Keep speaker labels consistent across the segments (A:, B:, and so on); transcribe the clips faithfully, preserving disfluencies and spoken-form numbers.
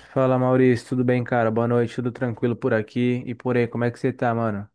A: Fala Maurício, tudo bem, cara? Boa noite, tudo tranquilo por aqui e por aí, como é que você tá, mano?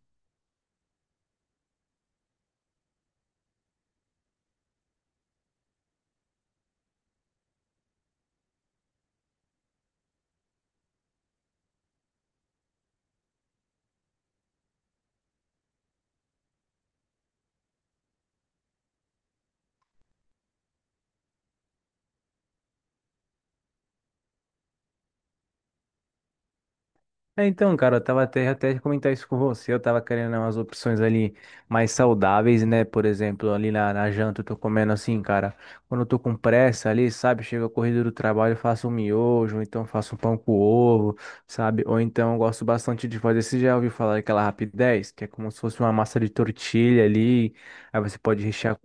A: É, então, cara, eu tava até, até comentar isso com você, eu tava querendo né, umas opções ali mais saudáveis, né? Por exemplo, ali na, na janta eu tô comendo assim, cara, quando eu tô com pressa ali, sabe? Chega a corrida do trabalho, eu faço um miojo, ou então faço um pão com ovo, sabe? Ou então eu gosto bastante de fazer, você já ouviu falar daquela rapidez, que é como se fosse uma massa de tortilha ali, aí você pode rechear.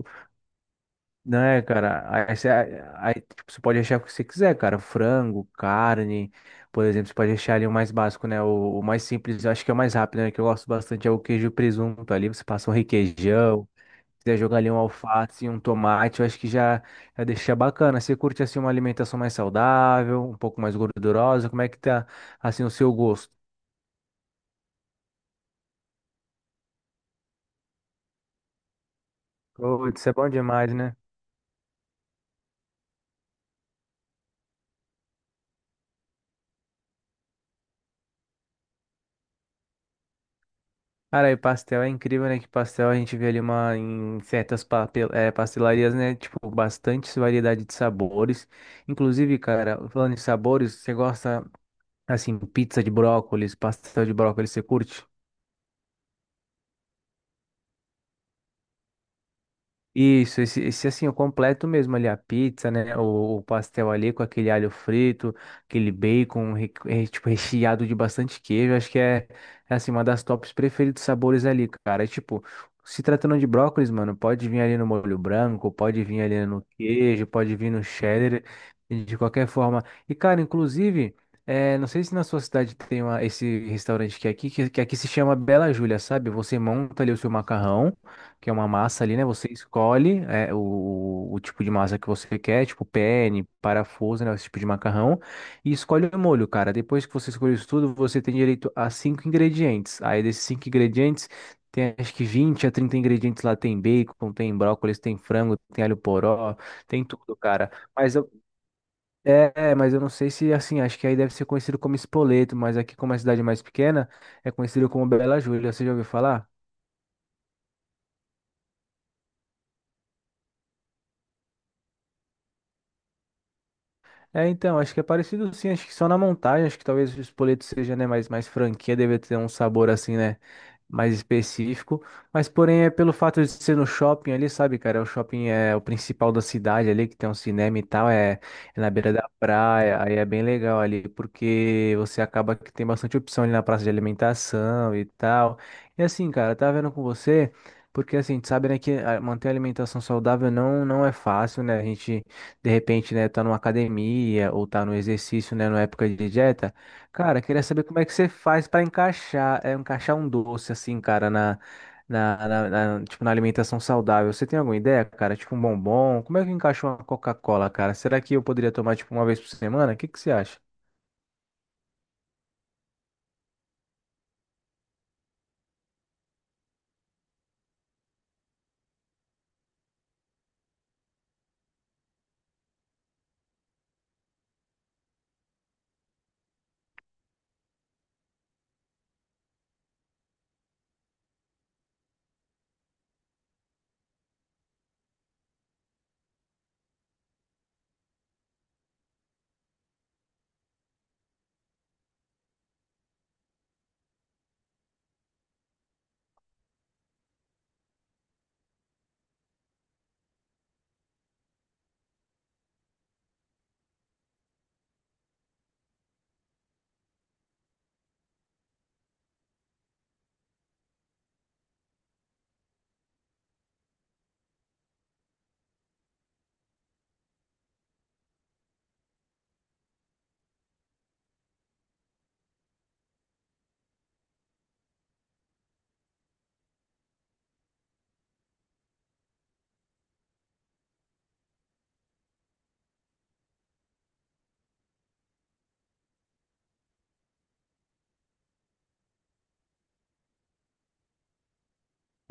A: Não é, cara. Aí, você aí, tipo, você pode achar o que você quiser, cara. Frango, carne, por exemplo, você pode achar ali o mais básico, né? O, o mais simples, eu acho que é o mais rápido, né? Que eu gosto bastante é o queijo e presunto ali. Você passa um requeijão, se quiser jogar ali um alface e um tomate, eu acho que já, já deixa bacana. Você curte assim uma alimentação mais saudável, um pouco mais gordurosa? Como é que tá assim o seu gosto? Putz, isso é bom demais, né? Cara, e pastel é incrível, né? Que pastel a gente vê ali uma, em certas papel, é, pastelarias, né? Tipo, bastante variedade de sabores. Inclusive, cara, falando em sabores, você gosta, assim, pizza de brócolis, pastel de brócolis, você curte? Isso, esse, esse assim, o completo mesmo ali, a pizza, né? O, o pastel ali com aquele alho frito, aquele bacon, re- re- tipo, recheado de bastante queijo. Acho que é, é assim, uma das tops preferidos sabores ali, cara. É, tipo, se tratando de brócolis, mano, pode vir ali no molho branco, pode vir ali no queijo, pode vir no cheddar, e de qualquer forma. E, cara, inclusive, é, não sei se na sua cidade tem uma, esse restaurante que é aqui, que, que aqui se chama Bela Júlia, sabe? Você monta ali o seu macarrão que é uma massa ali, né? Você escolhe é, o, o tipo de massa que você quer, tipo penne, parafuso, né? Esse tipo de macarrão, e escolhe o molho, cara. Depois que você escolhe isso tudo, você tem direito a cinco ingredientes. Aí desses cinco ingredientes, tem acho que vinte a trinta ingredientes lá. Tem bacon, tem brócolis, tem frango, tem alho poró, tem tudo, cara. Mas eu, é, é, mas eu não sei se, assim, acho que aí deve ser conhecido como espoleto, mas aqui como é uma cidade mais pequena, é conhecido como Bela Júlia. Você já ouviu falar? É, então, acho que é parecido sim, acho que só na montagem, acho que talvez o espoleto seja, né, mais, mais franquia, deve ter um sabor assim, né, mais específico, mas porém é pelo fato de ser no shopping ali, sabe, cara, o shopping é o principal da cidade ali, que tem um cinema e tal, é, é na beira da praia, aí é bem legal ali, porque você acaba que tem bastante opção ali na praça de alimentação e tal, e assim, cara, tá vendo com você... Porque assim, a gente sabe, né, que ah, manter a alimentação saudável não, não é fácil, né? A gente, de repente, né, tá numa academia ou tá no exercício, né, na época de dieta. Cara, queria saber como é que você faz para encaixar, é, encaixar um doce assim, cara, na, na, na- na- tipo, na alimentação saudável. Você tem alguma ideia, cara? Tipo um bombom? Como é que encaixa uma Coca-Cola, cara? Será que eu poderia tomar, tipo, uma vez por semana? O que que você acha?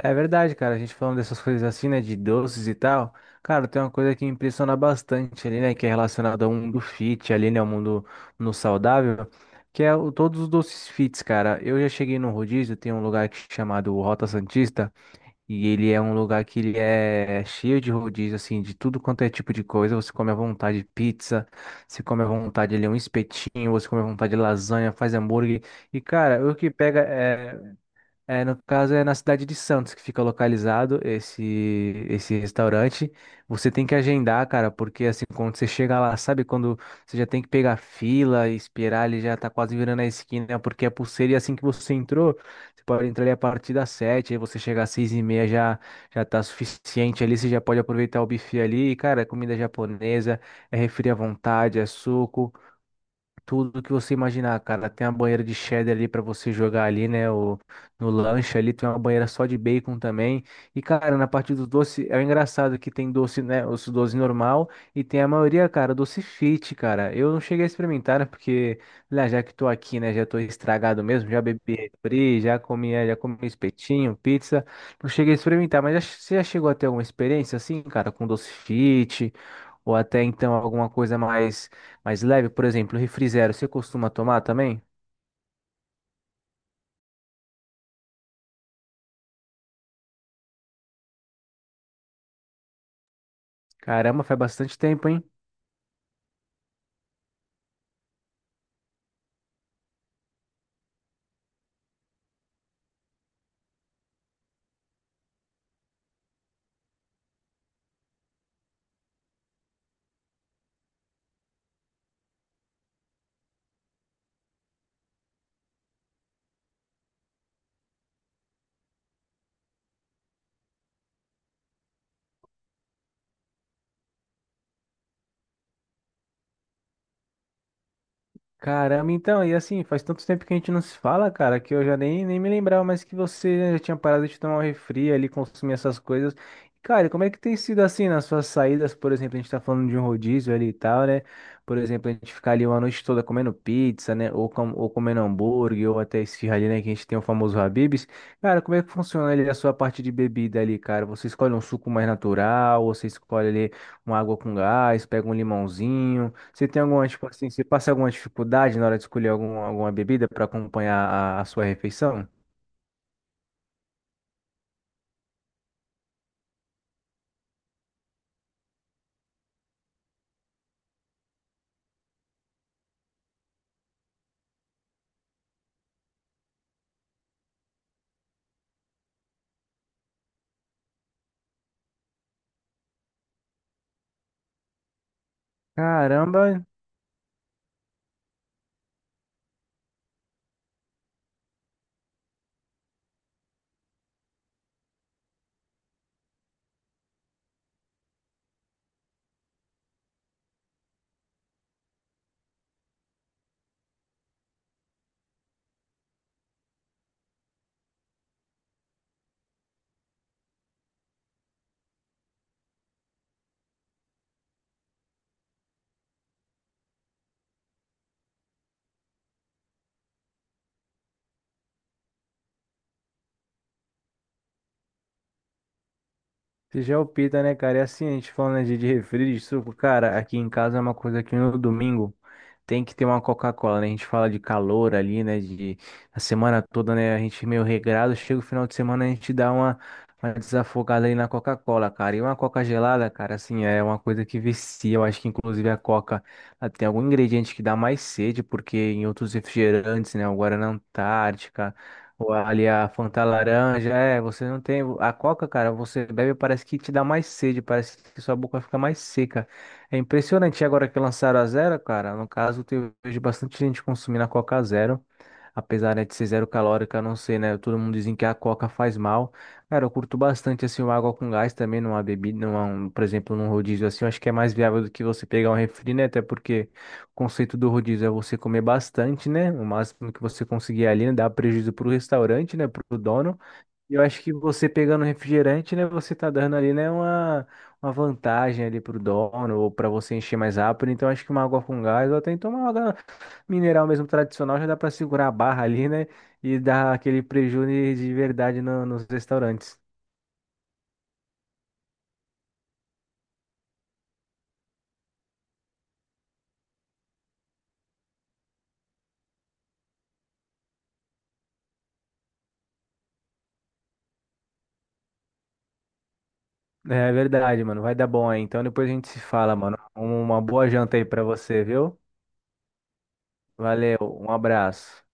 A: É verdade, cara. A gente falando dessas coisas assim, né, de doces e tal. Cara, tem uma coisa que impressiona bastante ali, né, que é relacionada ao mundo fit ali, né, ao mundo no saudável, que é o, todos os doces fits, cara. Eu já cheguei no rodízio, tem um lugar que chamado Rota Santista, e ele é um lugar que ele é cheio de rodízio, assim, de tudo quanto é tipo de coisa. Você come à vontade pizza, você come à vontade ali um espetinho, você come à vontade lasanha, faz hambúrguer. E, cara, o que pega é, é, no caso é na cidade de Santos que fica localizado esse esse restaurante. Você tem que agendar, cara, porque assim, quando você chega lá, sabe quando você já tem que pegar fila e esperar, ele já tá quase virando a esquina, porque é pulseira e assim que você entrou, você pode entrar ali a partir das sete, aí você chegar às seis e meia já, já tá suficiente ali, você já pode aproveitar o buffet ali, e, cara, é comida japonesa, é refri à vontade, é suco. Tudo que você imaginar, cara. Tem uma banheira de cheddar ali pra você jogar ali, né? O, no lanche ali tem uma banheira só de bacon também. E, cara, na parte do doce, é engraçado que tem doce, né? Os doce normal e tem a maioria, cara, doce fit, cara. Eu não cheguei a experimentar, né? Porque, lá, já que tô aqui, né? Já tô estragado mesmo. Já bebi refri, já comi, é, já comi espetinho, pizza. Não cheguei a experimentar, mas já- você já chegou a ter alguma experiência assim, cara, com doce fit? Ou até então alguma coisa mais mais leve, por exemplo, refri zero, você costuma tomar também? Caramba, faz bastante tempo, hein? Caramba, então, e assim, faz tanto tempo que a gente não se fala, cara, que eu já nem, nem me lembrava mais que você né, já tinha parado de tomar um refri ali, consumir essas coisas. Cara, como é que tem sido assim nas suas saídas, por exemplo, a gente tá falando de um rodízio ali e tal, né? Por exemplo, a gente ficar ali uma noite toda comendo pizza, né? Ou, com, ou comendo hambúrguer, ou até esfirra ali, né? Que a gente tem o famoso Habib's. Cara, como é que funciona ali a sua parte de bebida ali, cara? Você escolhe um suco mais natural, ou você escolhe ali uma água com gás, pega um limãozinho. Você tem alguma, tipo assim, você passa alguma dificuldade na hora de escolher algum, alguma bebida para acompanhar a, a sua refeição? Caramba, você já é o pita, né, cara? E assim, a gente falando né, de, de refri, de suco, cara, aqui em casa é uma coisa que no domingo tem que ter uma Coca-Cola, né? A gente fala de calor ali, né? De a semana toda, né? A gente meio regrado, chega o final de semana, a gente dá uma, uma desafogada ali na Coca-Cola, cara. E uma Coca gelada, cara, assim, é uma coisa que vicia. Eu acho que inclusive a Coca ela tem algum ingrediente que dá mais sede, porque em outros refrigerantes, né? O Guaraná Antártica. Ou ali a Fanta laranja, é, você não tem. A Coca, cara, você bebe, parece que te dá mais sede, parece que sua boca fica mais seca. É impressionante. E agora que lançaram a zero, cara, no caso, eu vejo bastante gente consumindo a Coca zero. Apesar, né, de ser zero calórica, eu não sei, né? Todo mundo dizem que a Coca faz mal. Cara, eu curto bastante, assim, uma água com gás também, numa bebida, numa, um, por exemplo, num rodízio assim, eu acho que é mais viável do que você pegar um refri, né? Até porque. O conceito do rodízio é você comer bastante, né? O máximo que você conseguir ali, né? Dá prejuízo pro restaurante, né? Pro dono. E eu acho que você pegando refrigerante, né? Você tá dando ali, né? Uma, uma vantagem ali pro dono ou para você encher mais rápido. Então acho que uma água com gás ou até então uma água mineral mesmo tradicional já dá para segurar a barra ali, né? E dar aquele prejuízo de verdade no- nos restaurantes. É verdade, mano. Vai dar bom aí. Então depois a gente se fala, mano. Uma boa janta aí pra você, viu? Valeu, um abraço.